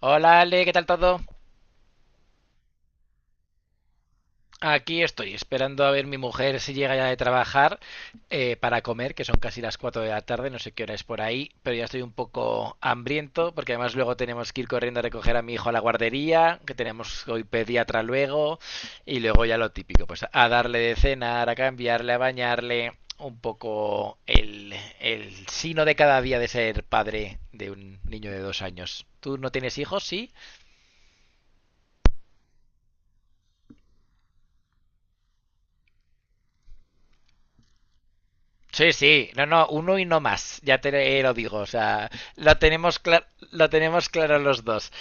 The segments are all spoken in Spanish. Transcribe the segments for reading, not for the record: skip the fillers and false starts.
Hola Ale, ¿qué tal todo? Aquí estoy, esperando a ver mi mujer si llega ya de trabajar para comer, que son casi las 4 de la tarde, no sé qué hora es por ahí, pero ya estoy un poco hambriento, porque además luego tenemos que ir corriendo a recoger a mi hijo a la guardería, que tenemos hoy pediatra luego, y luego ya lo típico, pues a darle de cenar, a cambiarle, a bañarle, un poco el sino de cada día de ser padre de un niño de 2 años. ¿Tú no tienes hijos? ¿Sí? Sí, sí, no, no, uno y no más, ya te lo digo, o sea, lo tenemos claro los dos.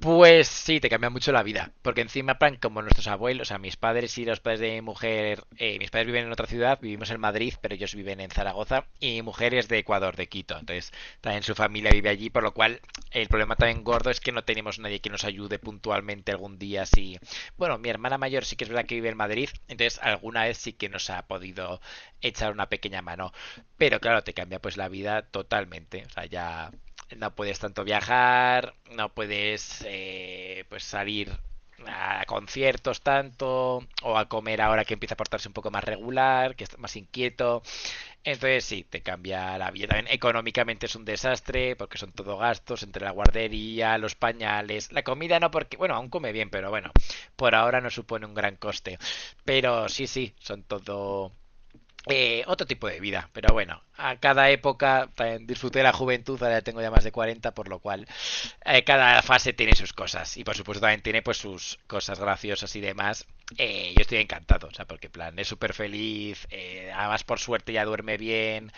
Pues sí, te cambia mucho la vida, porque encima, plan, como nuestros abuelos, o sea, mis padres y los padres de mi mujer, mis padres viven en otra ciudad, vivimos en Madrid, pero ellos viven en Zaragoza, y mi mujer es de Ecuador, de Quito, entonces también su familia vive allí, por lo cual el problema también gordo es que no tenemos nadie que nos ayude puntualmente algún día, si. Bueno, mi hermana mayor sí que es verdad que vive en Madrid, entonces alguna vez sí que nos ha podido echar una pequeña mano. Pero claro, te cambia pues la vida totalmente. O sea, ya no puedes tanto viajar, no puedes pues salir a conciertos tanto o a comer ahora que empieza a portarse un poco más regular, que está más inquieto. Entonces sí, te cambia la vida. También económicamente es un desastre porque son todo gastos entre la guardería, los pañales, la comida no porque, bueno, aún come bien, pero bueno, por ahora no supone un gran coste. Pero sí, sí, son todo otro tipo de vida, pero bueno, a cada época también disfruté de la juventud, ahora ya tengo ya más de 40, por lo cual cada fase tiene sus cosas y por supuesto también tiene pues sus cosas graciosas y demás. Yo estoy encantado, o sea, porque en plan es súper feliz, además por suerte ya duerme bien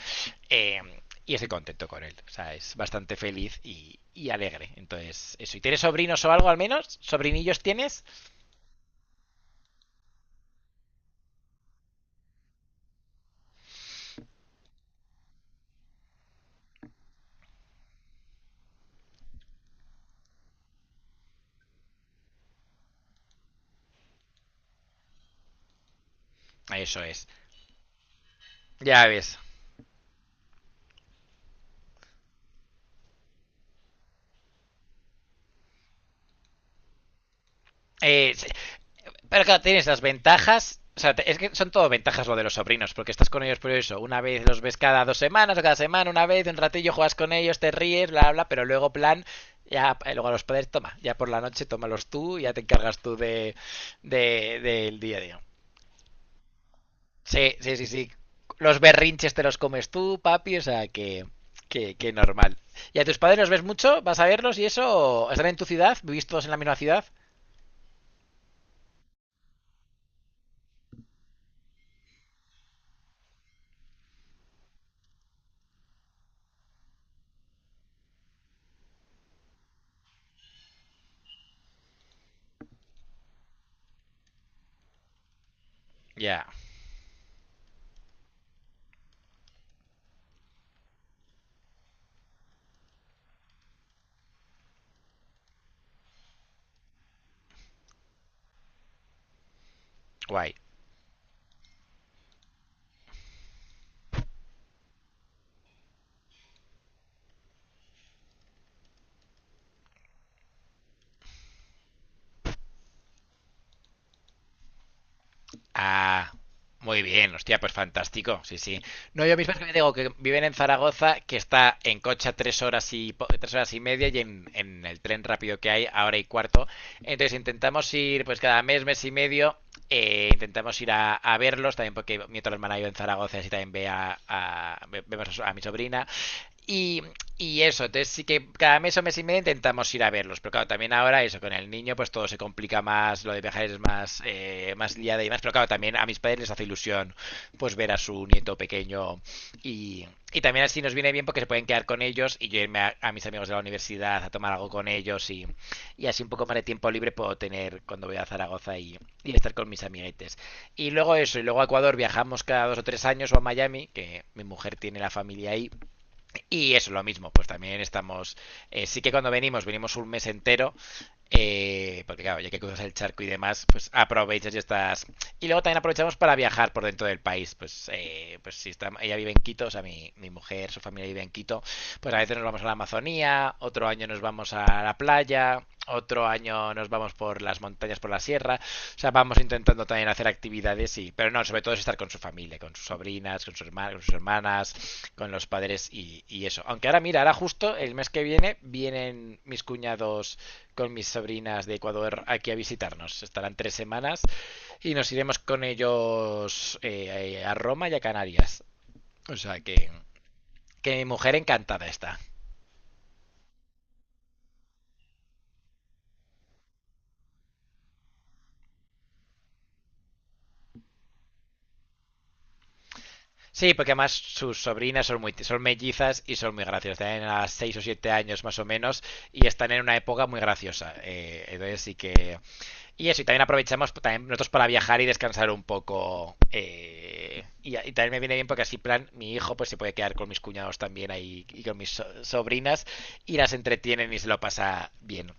eh, y estoy contento con él, o sea, es bastante feliz y alegre. Entonces, eso, ¿y tienes sobrinos o algo al menos? ¿Sobrinillos tienes? Eso es, ya ves. Sí, pero claro, tienes las ventajas. O sea, es que son todo ventajas lo de los sobrinos, porque estás con ellos por eso. Una vez los ves cada 2 semanas o cada semana, una vez, un ratillo juegas con ellos, te ríes, bla, bla, pero luego, plan, ya, luego a los padres, toma, ya por la noche, tómalos tú, ya te encargas tú del día a día. Sí, sí, sí, sí. Los berrinches te los comes tú, papi, o sea, que, que normal. ¿Y a tus padres los ves mucho? ¿Vas a verlos y eso? ¿Están en tu ciudad? ¿Vivís todos en la misma ciudad? Ya, yeah. Guay. Ah, muy bien, hostia, pues fantástico, sí, sí. No, yo mismo es que me digo que viven en Zaragoza, que está en coche a 3 horas y media y en el tren rápido que hay a hora y cuarto. Entonces intentamos ir, pues cada mes, mes y medio, intentamos ir a verlos también porque mi otra hermana yo en Zaragoza, así también ve a- ve- vemos a mi sobrina y, y eso, entonces sí que cada mes o mes y medio intentamos ir a verlos, pero claro, también ahora eso, con el niño pues todo se complica más, lo de viajar es más, más liada y más, pero claro, también a mis padres les hace ilusión pues ver a su nieto pequeño y, y también así nos viene bien porque se pueden quedar con ellos y yo irme a mis amigos de la universidad a tomar algo con ellos así un poco más de tiempo libre puedo tener cuando voy a Zaragoza y estar con mis amiguetes. Y luego eso, y luego a Ecuador viajamos cada 2 o 3 años o a Miami, que mi mujer tiene la familia ahí y eso, es lo mismo, pues también estamos, sí que cuando venimos, venimos un mes entero, porque claro, ya que cruzas el charco y demás, pues aprovechas y estás. Y luego también aprovechamos para viajar por dentro del país, pues, pues si está, ella vive en Quito, o sea, mi mujer, su familia vive en Quito, pues a veces nos vamos a la Amazonía, otro año nos vamos a la playa, otro año nos vamos por las montañas, por la sierra, o sea, vamos intentando también hacer actividades, y pero no, sobre todo es estar con su familia, con sus sobrinas, con sus hermanas, con los padres y eso. Aunque ahora, mira, ahora justo el mes que viene vienen mis cuñados con mis sobrinas de Ecuador aquí a visitarnos. Estarán 3 semanas y nos iremos con ellos a Roma y a Canarias. O sea que, mi mujer encantada está. Sí, porque además sus sobrinas son mellizas y son muy graciosas. Tienen a 6 o 7 años más o menos y están en una época muy graciosa. Entonces sí que. Y eso, y también aprovechamos pues, también nosotros para viajar y descansar un poco. Y también me viene bien porque así, plan, mi hijo pues se puede quedar con mis cuñados también ahí y con mis sobrinas y las entretienen y se lo pasa bien.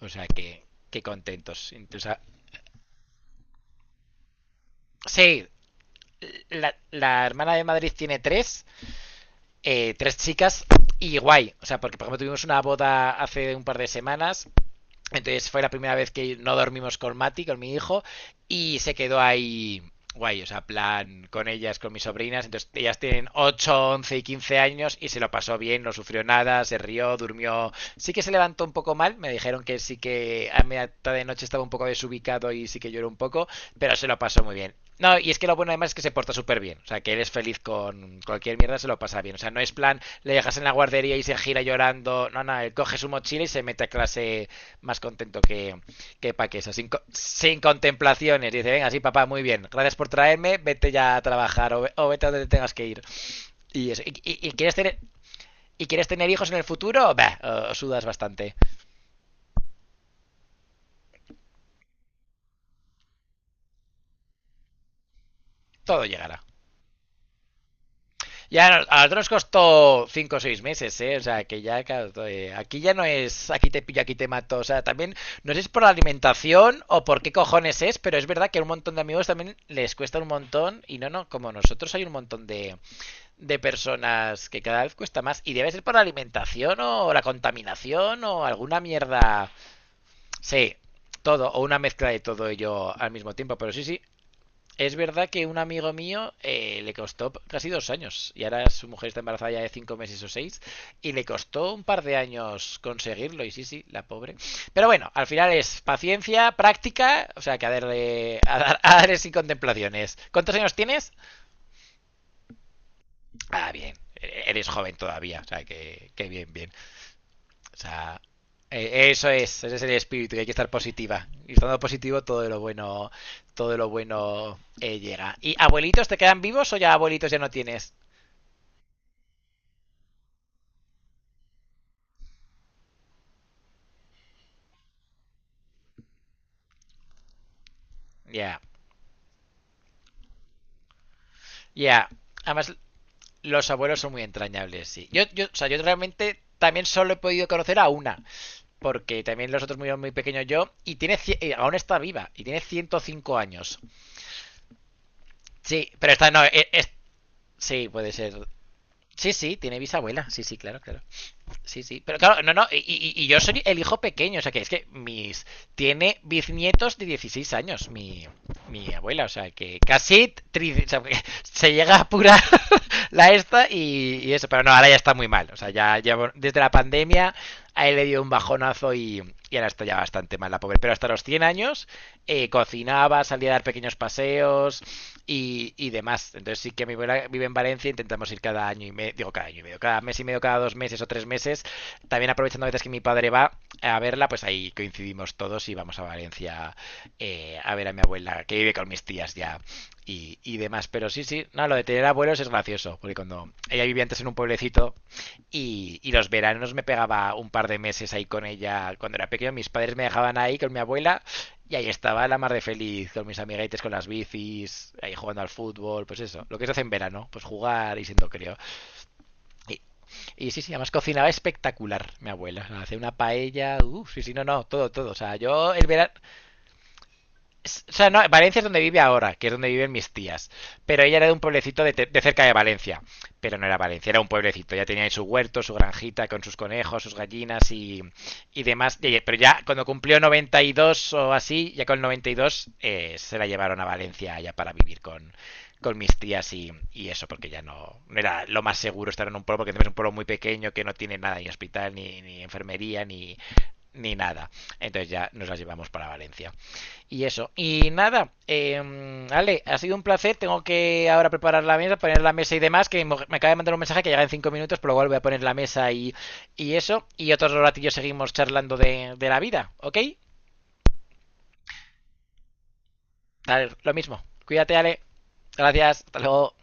O sea que, qué contentos. Entonces, ah, sí, la hermana de Madrid tiene tres chicas y guay. O sea, porque por ejemplo tuvimos una boda hace un par de semanas entonces fue la primera vez que no dormimos con Mati, con mi hijo, y se quedó ahí guay, o sea, plan con ellas, con mis sobrinas. Entonces, ellas tienen 8, 11 y 15 años y se lo pasó bien, no sufrió nada, se rió, durmió. Sí que se levantó un poco mal, me dijeron que sí que a media tarde de noche estaba un poco desubicado y sí que lloró un poco, pero se lo pasó muy bien. No, y es que lo bueno además es que se porta súper bien. O sea, que él es feliz con cualquier mierda, se lo pasa bien. O sea, no es plan, le dejas en la guardería y se gira llorando. No, no, él coge su mochila y se mete a clase más contento que, Paqueso, sin contemplaciones. Dice, venga, sí, papá, muy bien, gracias por traerme, vete ya a trabajar o vete a donde tengas que ir. Y, eso, quieres tener. ¿Y quieres tener hijos en el futuro? Bah, os sudas bastante. Todo llegará. Ya a nosotros costó cinco o 6 meses, ¿eh? O sea, que ya, claro, aquí ya no es aquí te pillo, aquí te mato. O sea, también no sé si es por la alimentación o por qué cojones es, pero es verdad que a un montón de amigos también les cuesta un montón. Y no, no, como nosotros hay un montón de personas que cada vez cuesta más. Y debe ser por la alimentación o la contaminación o alguna mierda. Sí, todo, o una mezcla de todo ello al mismo tiempo. Pero sí, sí, es verdad que un amigo mío le costó casi 2 años. Y ahora su mujer está embarazada ya de 5 meses o 6. Y le costó un par de años conseguirlo. Y sí, sí, la pobre. Pero bueno, al final es paciencia, práctica. O sea, que a darle sin contemplaciones. ¿Cuántos años tienes? Ah, bien. Eres joven todavía, o sea, que bien, bien. O sea, eso es, ese es el espíritu, que hay que estar positiva. Y estando positivo, todo lo bueno llega. ¿Y abuelitos te quedan vivos o ya abuelitos ya no tienes? Ya, yeah. Ya. Yeah. Además, los abuelos son muy entrañables, sí. O sea, yo realmente también solo he podido conocer a una, porque también los otros murieron muy pequeños yo, y aún está viva, y tiene 105 años. Sí, pero esta no, es, sí, puede ser. Sí, sí, tiene bisabuela. Sí, sí, claro, claro. Sí, sí. Pero claro, no, no. Y yo soy el hijo pequeño. O sea, que es que mis. Tiene bisnietos de 16 años, mi abuela. O sea, que casi o sea, se llega a apurar la esta y eso. Pero no, ahora ya está muy mal. O sea, ya bueno, desde la pandemia a él le dio un bajonazo y ahora está ya bastante mal la pobre. Pero hasta los 100 años, cocinaba, salía a dar pequeños paseos, y demás. Entonces sí que mi abuela vive en Valencia, intentamos ir cada año y medio, digo cada año y medio, cada mes y medio, cada 2 meses o 3 meses. También aprovechando a veces que mi padre va a verla, pues ahí coincidimos todos y vamos a Valencia a ver a mi abuela, que vive con mis tías ya y demás. Pero sí, sí, no, lo de tener abuelos es gracioso, porque cuando ella vivía antes en un pueblecito y los veranos me pegaba un par de meses ahí con ella cuando era pequeño, mis padres me dejaban ahí con mi abuela y ahí estaba la mar de feliz con mis amiguetes, con las bicis, ahí jugando al fútbol, pues eso. Lo que se hace en verano, pues jugar y siendo crío. Y, y sí, sí, además cocinaba espectacular mi abuela. O sea, hacía una paella, uff, sí, sí, no, no, todo, todo. O sea, yo el verano, o sea, no, Valencia es donde vive ahora, que es donde viven mis tías. Pero ella era de un pueblecito de cerca de Valencia. Pero no era Valencia, era un pueblecito. Ya tenía ahí su huerto, su granjita con sus conejos, sus gallinas y demás. Pero ya cuando cumplió 92 o así, ya con 92 se la llevaron a Valencia ya para vivir con mis tías y eso, porque ya no, no era lo más seguro estar en un pueblo, porque encima es un pueblo muy pequeño que no tiene nada, ni hospital, ni enfermería, ni nada. Entonces ya nos la llevamos para Valencia. Y eso. Y nada, Ale, ha sido un placer. Tengo que ahora preparar la mesa, poner la mesa y demás. Que me acaba de mandar un mensaje que llega en 5 minutos, pero luego voy a poner la mesa y eso. Y otros ratillos seguimos charlando de la vida, ¿ok? Dale, lo mismo. Cuídate, Ale. Gracias. Hasta luego.